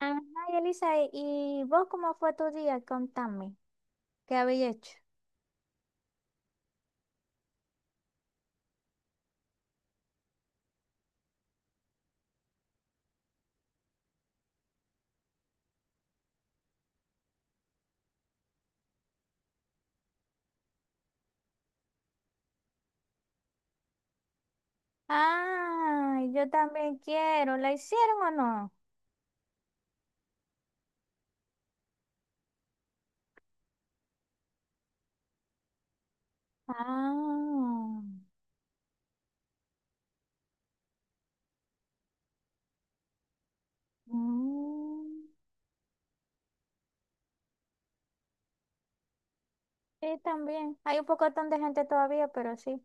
Ajá, Elisa, ¿y vos cómo fue tu día? Contame, ¿qué habéis hecho? Ah, yo también quiero. ¿La hicieron o no? Ah, mm, sí, también. Hay un pocotón de gente todavía, pero sí.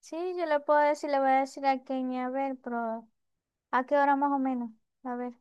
Sí, yo le puedo decir, le voy a decir a Kenny, a ver, pero ¿a qué hora más o menos? A ver.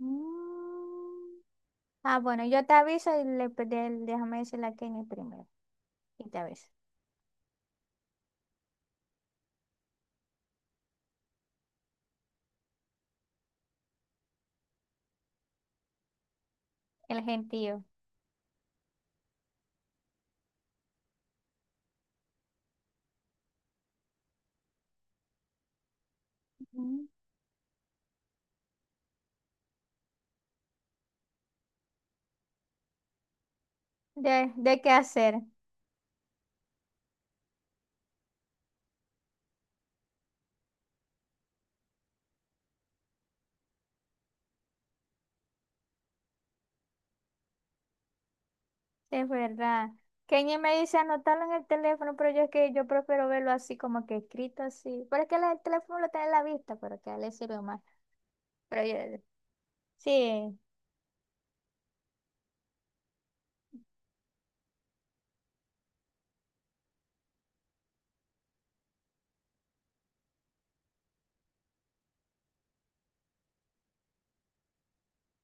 Mm. Ah, bueno, yo te aviso y déjame decirle a Kenny primero. Y te aviso. El gentío. Ujú. De qué hacer. Es verdad. Kenny me dice anotarlo en el teléfono, pero yo es que yo prefiero verlo así como que escrito así. Pero es que el teléfono lo tiene en la vista, pero que a él le sirve más. Pero yo, sí,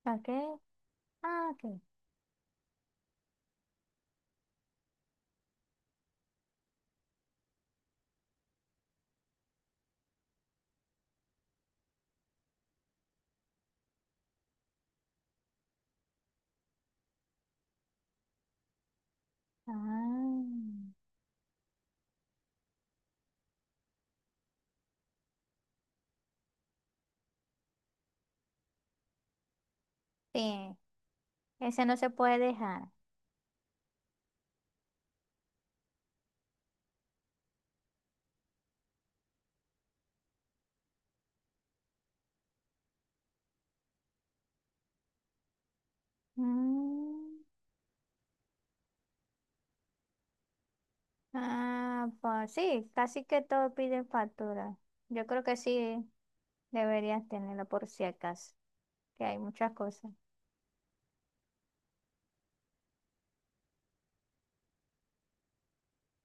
¿para qué? Ah, ok. Ah, sí, ese no se puede dejar. Mm. Ah, pues sí, casi que todos piden factura. Yo creo que sí deberías tenerlo por si acaso, que hay muchas cosas.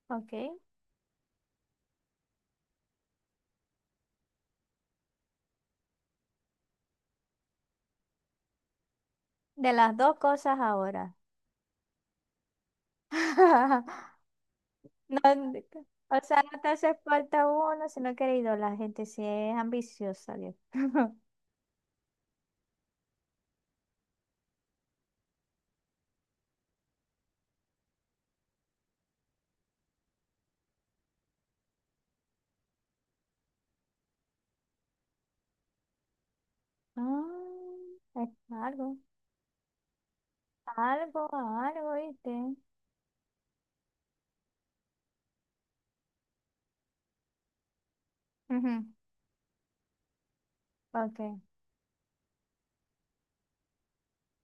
Ok, de las dos cosas ahora. No, o sea, no te hace falta uno si no querido. La gente sí es ambiciosa, Dios. Ah, es algo, algo, algo, ¿viste? Ujú. Ok.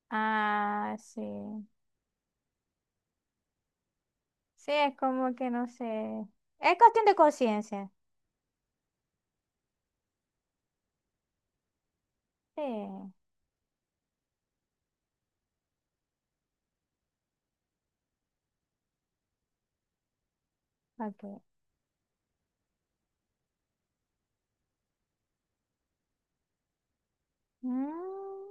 Ah, sí. Sí, es como que no sé. Es cuestión de conciencia. Sí, ok. Mm,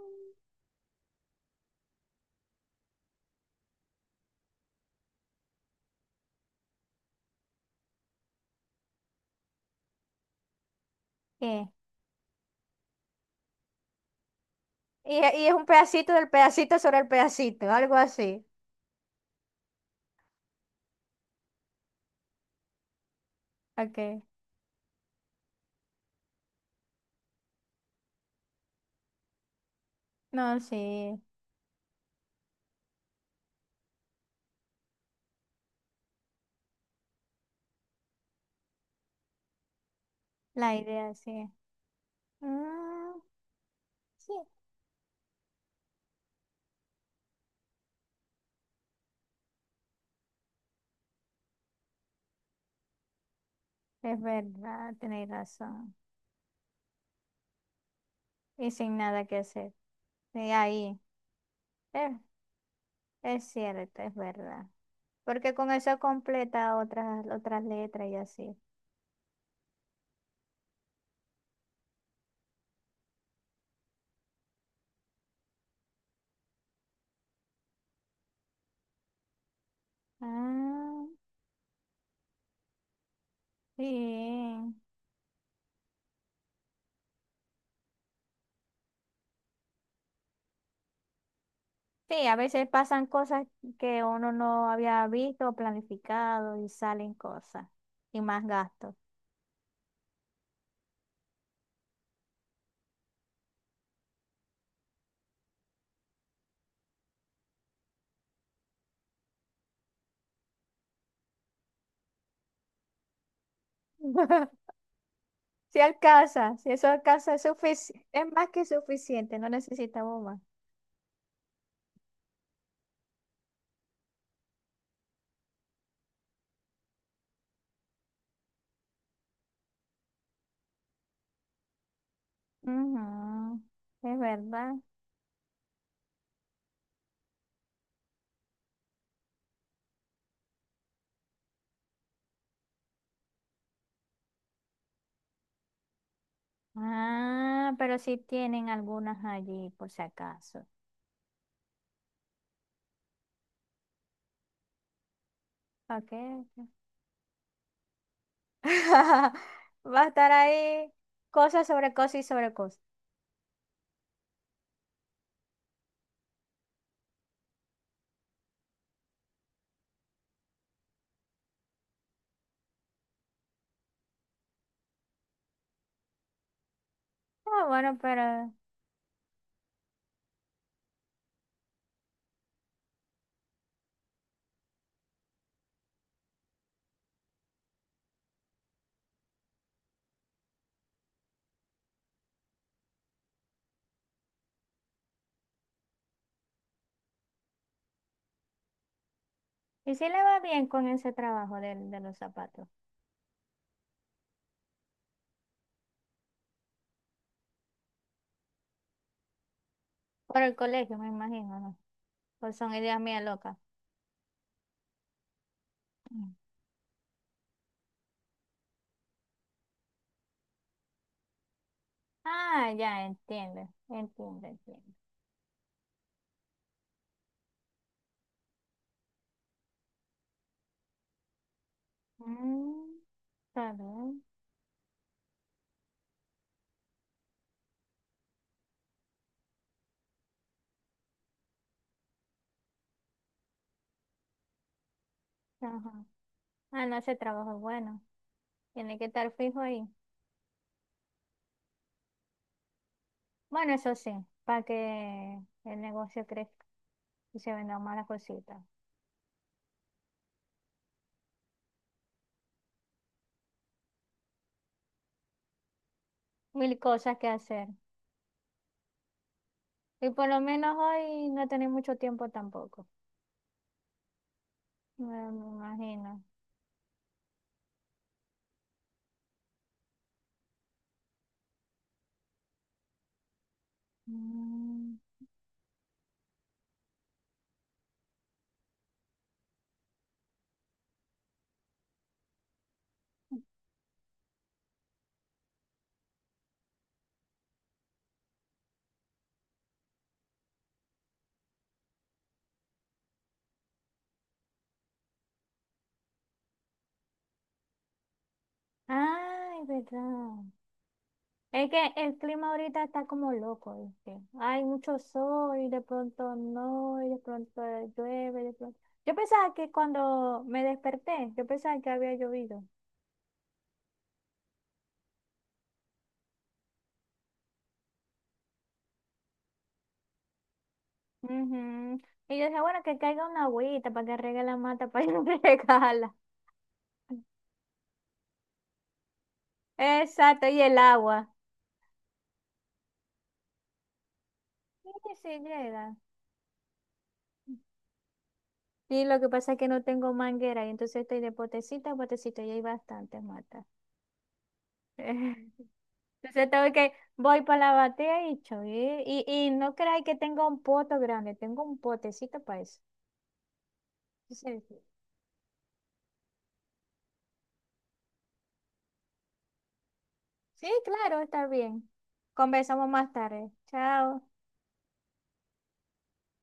¿Qué? Y es un pedacito del pedacito sobre el pedacito, algo así. Ok. No, sí. La idea, sí. Mm, sí. Es verdad, tenéis razón. Y sin nada que hacer. Y ahí, eh, es cierto, es verdad. Porque con eso completa otras, otras letras y así. Ah, bien. Sí, a veces pasan cosas que uno no había visto o planificado y salen cosas. Y más gastos. Si alcanza, si eso alcanza, es es más que suficiente, no necesitamos más. Ujú. Es verdad. Ah, pero sí tienen algunas allí, por si acaso. Ok. Va a estar ahí cosas sobre cosas y sobre cosas. Ah, bueno, pero... ¿Y si le va bien con ese trabajo de los zapatos? Por el colegio, me imagino, ¿no? Pues son ideas mías locas. Mm. Ah, ya, entiendo, entiendo, entiendo. Mm, está bien. Ajá. Ah, no, ese trabajo es bueno. Tiene que estar fijo ahí. Bueno, eso sí, para que el negocio crezca y se vendrán más las cositas. Mil cosas que hacer. Y por lo menos hoy no tenéis mucho tiempo tampoco. Bueno, me imagino. Mm. Ay, verdad. Es que el clima ahorita está como loco, ¿viste? Hay mucho sol y de pronto no, y de pronto llueve, de pronto. Yo pensaba que cuando me desperté, yo pensaba que había llovido. Ujú. Y yo dije, bueno, que caiga una agüita para que riegue la mata, para que regala. Exacto, y el agua. Sí, sí llega. Sí, lo que pasa es que no tengo manguera y entonces estoy de potecita a potecita y hay bastantes matas. Entonces tengo que, voy para la batea y cho, y no creáis que tengo un poto grande, tengo un potecito para eso. Entonces, sí, claro, está bien. Conversamos más tarde. Chao.